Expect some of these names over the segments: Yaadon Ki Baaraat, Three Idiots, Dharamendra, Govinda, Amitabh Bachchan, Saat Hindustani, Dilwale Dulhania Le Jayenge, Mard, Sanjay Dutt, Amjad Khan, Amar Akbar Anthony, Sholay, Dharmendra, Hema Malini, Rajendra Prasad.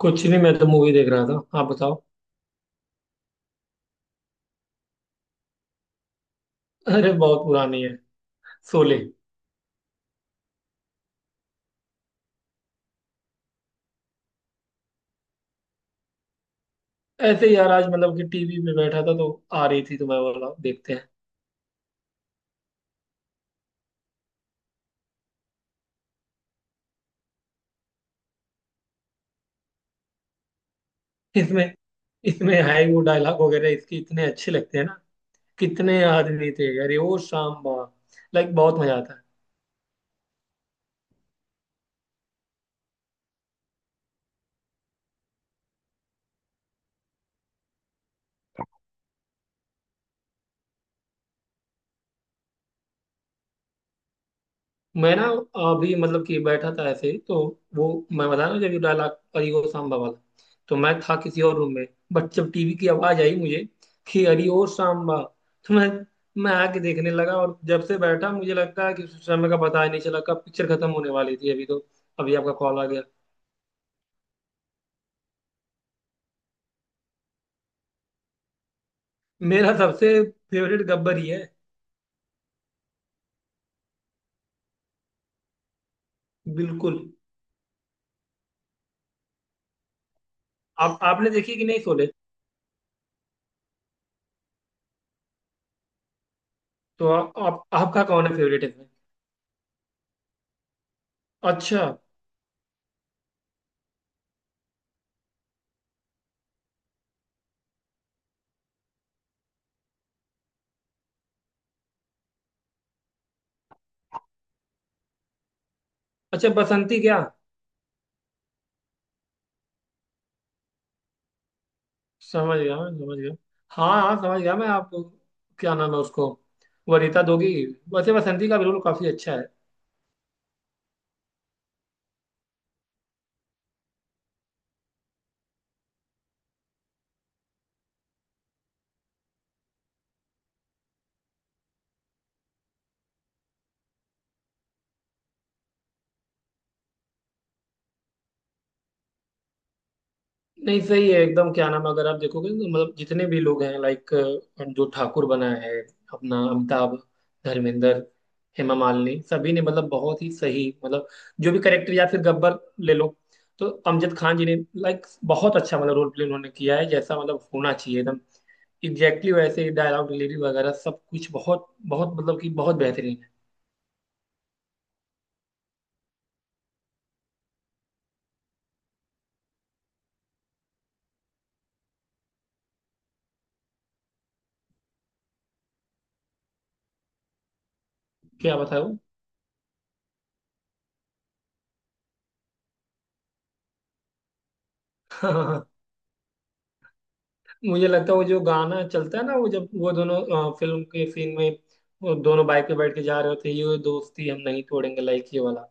कुछ नहीं। मैं तो मूवी देख रहा था। आप बताओ। अरे बहुत पुरानी है। शोले। ऐसे ही यार आज मतलब कि टीवी पे बैठा था तो आ रही थी तो मैं बोला देखते हैं। इसमें इसमें है ही वो डायलॉग वगैरह इसके इतने अच्छे लगते हैं ना। कितने आदमी थे, अरे ओ सांबा। लाइक बहुत मजा आता है। मैं ना, अभी मतलब कि बैठा था ऐसे ही तो वो, मैं बता रहा हूँ जब ये डायलॉग अरे ओ सांबा वाला, तो मैं था किसी और रूम में। बट जब टीवी की आवाज आई मुझे कि अरे ओ सांबा, तो मैं आके देखने लगा। और जब से बैठा मुझे लगता है कि उस समय का पता ही नहीं चला कब पिक्चर खत्म होने वाली थी। अभी तो अभी आपका कॉल आ गया। मेरा सबसे फेवरेट गब्बर ही है। बिल्कुल। आप आपने देखी कि नहीं शोले? तो आप, आपका कौन है फेवरेट इसमें? अच्छा। अच्छा, बसंती क्या? समझ गया, मैं समझ गया। हाँ हाँ, समझ गया मैं। आप, क्या नाम है उसको, वरीता दोगी। वैसे बसंती का भी रोल काफी अच्छा है। नहीं सही है एकदम। क्या नाम है, अगर आप देखोगे तो मतलब जितने भी लोग हैं लाइक, जो ठाकुर बना है, अपना अमिताभ, धर्मेंद्र, हेमा मालिनी सभी ने मतलब बहुत ही सही मतलब। जो भी करेक्टर या फिर गब्बर ले लो, तो अमजद खान जी ने लाइक बहुत अच्छा मतलब रोल प्ले उन्होंने किया है, जैसा मतलब होना चाहिए एकदम एग्जैक्टली वैसे। डायलॉग डिलीवरी वगैरह सब कुछ बहुत बहुत मतलब कि बहुत बेहतरीन। क्या बताऊं। मुझे लगता है वो जो गाना चलता है ना, वो जब वो दोनों फिल्म के सीन में, वो दोनों बाइक पे बैठ के जा रहे होते हैं, ये दोस्ती हम नहीं तोड़ेंगे, लाइक ये वाला।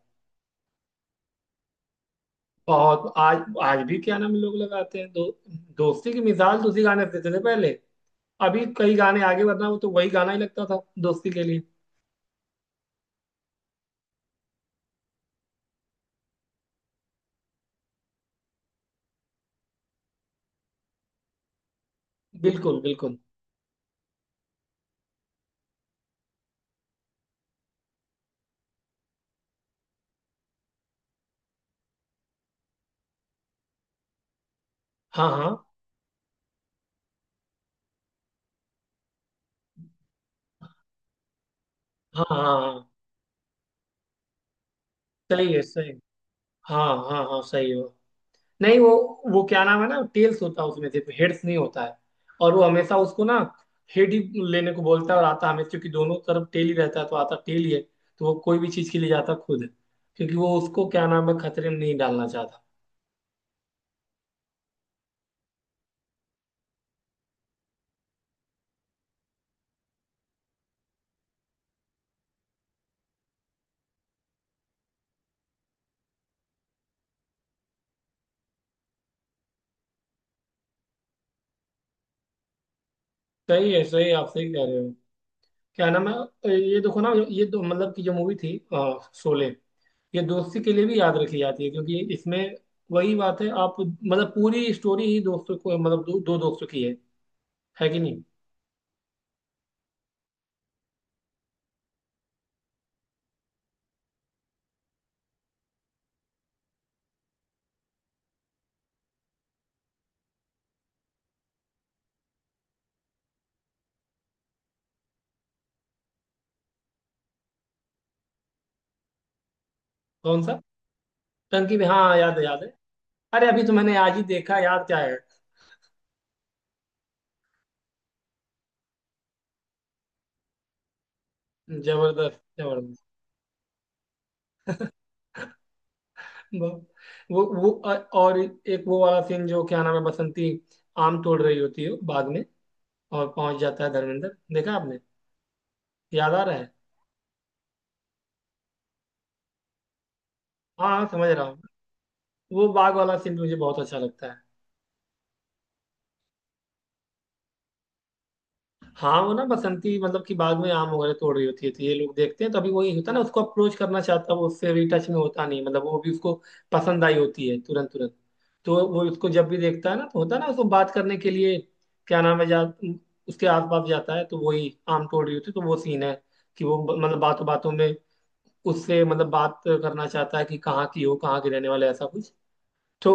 बहुत। आज आज भी क्या नाम, लोग लगाते हैं दो, दोस्ती की मिसाल तो उसी गाने से देते थे पहले। अभी कई गाने आगे, वरना वो तो वही गाना ही लगता था दोस्ती के लिए। बिल्कुल बिल्कुल। हाँ हाँ हाँ हाँ हाँ, सही है सही। हाँ। हाँ हाँ सही है। नहीं वो, वो क्या नाम है ना, टेल्स होता है उसमें, सिर्फ हेड्स नहीं होता है। और वो हमेशा उसको ना हेड ही लेने को बोलता है, और आता हमेशा, क्योंकि दोनों तरफ टेल ही रहता है तो आता टेल ही है, तो वो कोई भी चीज के लिए जाता खुद है, क्योंकि वो उसको क्या नाम है, खतरे में नहीं डालना चाहता। सही है, आप सही कह रहे हो। क्या नाम है, ये देखो ना, ये दो मतलब कि जो मूवी थी शोले, ये दोस्ती के लिए भी याद रखी जाती है, क्योंकि इसमें वही बात है। आप मतलब पूरी स्टोरी ही दोस्तों को मतलब दो, दो दोस्तों की है। है कि नहीं? कौन सा? टंकी में, हाँ याद है याद है। अरे अभी तो मैंने आज ही देखा यार, क्या है। जबरदस्त जबरदस्त। वो और एक वो वाला सीन जो क्या नाम है, बसंती आम तोड़ रही होती है बाग में, और पहुंच जाता है धर्मेंद्र। देखा आपने? याद आ रहा है? हाँ हाँ, समझ रहा हूँ। वो बाग वाला सीन मुझे बहुत अच्छा लगता है। हाँ वो ना, बसंती मतलब कि बाद में आम वगैरह तोड़ रही होती है तो ये लोग देखते हैं, तो अभी वही होता है ना, उसको अप्रोच करना चाहता है वो, उससे भी टच में होता नहीं, मतलब वो भी उसको पसंद आई होती है तुरंत तुरंत। तो वो उसको जब भी देखता है ना, तो होता है ना उसको बात करने के लिए, क्या नाम है, जा उसके आस पास जाता है तो वही आम तोड़ रही होती है, तो वो सीन है कि वो मतलब बातों बातों में उससे मतलब बात करना चाहता है कि कहाँ की हो, कहाँ की रहने वाले, ऐसा कुछ। तो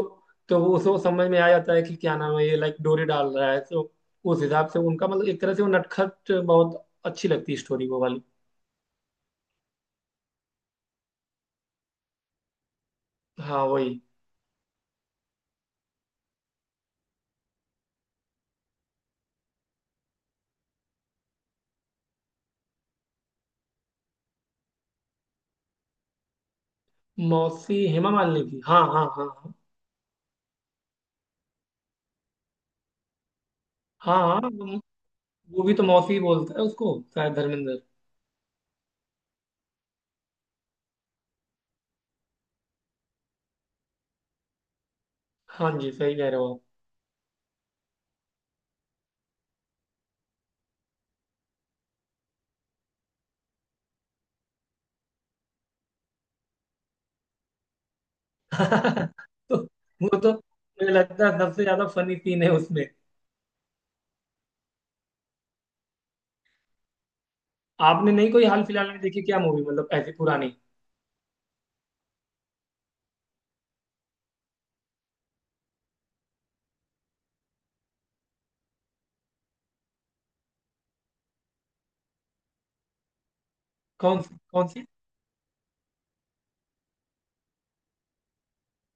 तो वो उसको समझ में आ जाता है कि क्या नाम है, ये लाइक डोरी डाल रहा है, तो उस हिसाब से उनका मतलब एक तरह से वो नटखट, बहुत अच्छी लगती है स्टोरी वो वाली। हाँ वही। मौसी, हेमा मालिनी की, हाँ हाँ हाँ। हाँ हाँ हाँ वो भी तो मौसी ही बोलता है उसको शायद धर्मेंद्र। हाँ जी, सही कह रहे हो। आप तो, वो तो मुझे लगता है सबसे ज्यादा फनी सीन है उसमें। आपने नहीं कोई हाल फिलहाल में देखी क्या मूवी, मतलब ऐसी पुरानी? कौन सी कौन सी?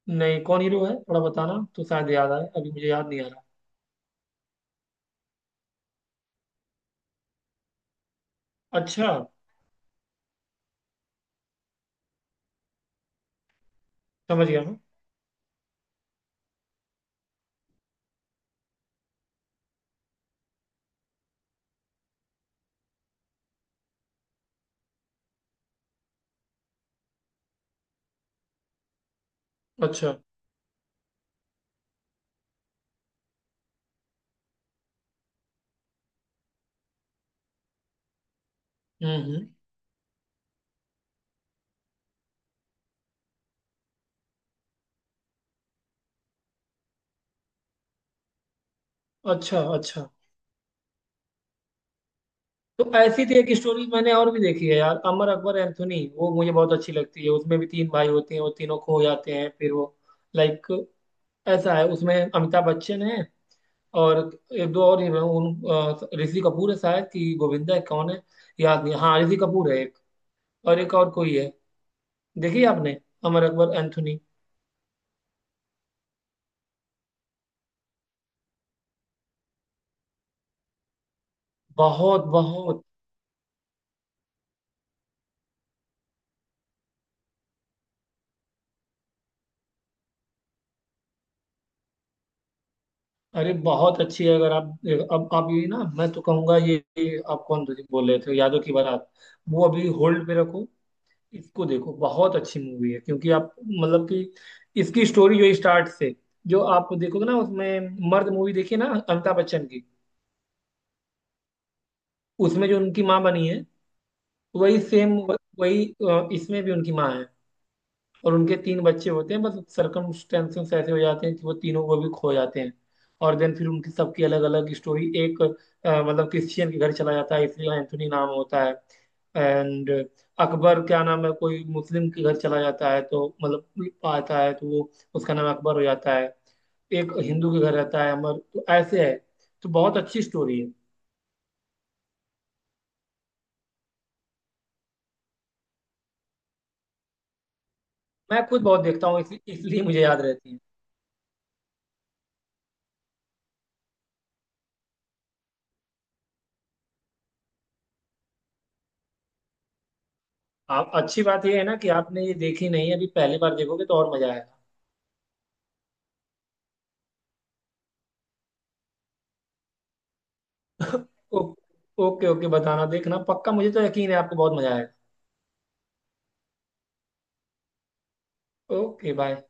नहीं, कौन हीरो है थोड़ा बताना, तो शायद याद आए, अभी मुझे याद नहीं आ रहा। अच्छा। समझ गया मैं। अच्छा। हम्म। अच्छा अच्छा। तो ऐसी थी एक स्टोरी, मैंने और भी देखी है यार, अमर अकबर एंथोनी, वो मुझे बहुत अच्छी लगती है। उसमें भी तीन भाई होते हैं, वो तीनों खो जाते हैं फिर वो, लाइक, ऐसा है उसमें, अमिताभ बच्चन है, और एक दो और हीरो हैं, उन ऋषि कपूर है, शायद कि गोविंदा है कौन है, याद नहीं। हाँ ऋषि कपूर है एक, और एक और कोई है। देखिए आपने अमर अकबर एंथोनी। बहुत बहुत। अरे बहुत अच्छी है। अगर आप, अब आप ये ना, मैं तो कहूंगा ये आप कौन बोल रहे थे, यादों की बारात, वो अभी होल्ड पे रखो। इसको देखो, बहुत अच्छी मूवी है, क्योंकि आप मतलब कि इसकी स्टोरी जो स्टार्ट से जो आप देखोगे ना, उसमें मर्द मूवी देखिए ना अमिताभ बच्चन की, उसमें जो उनकी माँ बनी है, वही सेम वही इसमें भी उनकी माँ है, और उनके तीन बच्चे होते हैं। बस सर्कमस्टेंसेस ऐसे हो जाते हैं कि वो तीनों को भी खो जाते हैं, और देन फिर उनकी सबकी अलग अलग स्टोरी। एक मतलब क्रिश्चियन के घर चला जाता है इसलिए एंथोनी नाम होता है। एंड अकबर, क्या नाम है, कोई मुस्लिम के घर चला जाता है, तो मतलब आता है तो वो, उसका नाम अकबर हो जाता है। एक हिंदू के घर रहता है अमर, तो ऐसे है। तो बहुत अच्छी स्टोरी है। मैं खुद बहुत देखता हूँ इसलिए, मुझे याद रहती है। आप अच्छी बात यह है ना कि आपने ये देखी नहीं है, अभी पहली बार देखोगे तो और मजा आएगा। ओ, ओके ओके, बताना देखना पक्का। मुझे तो यकीन है आपको बहुत मजा आएगा। Okay bye.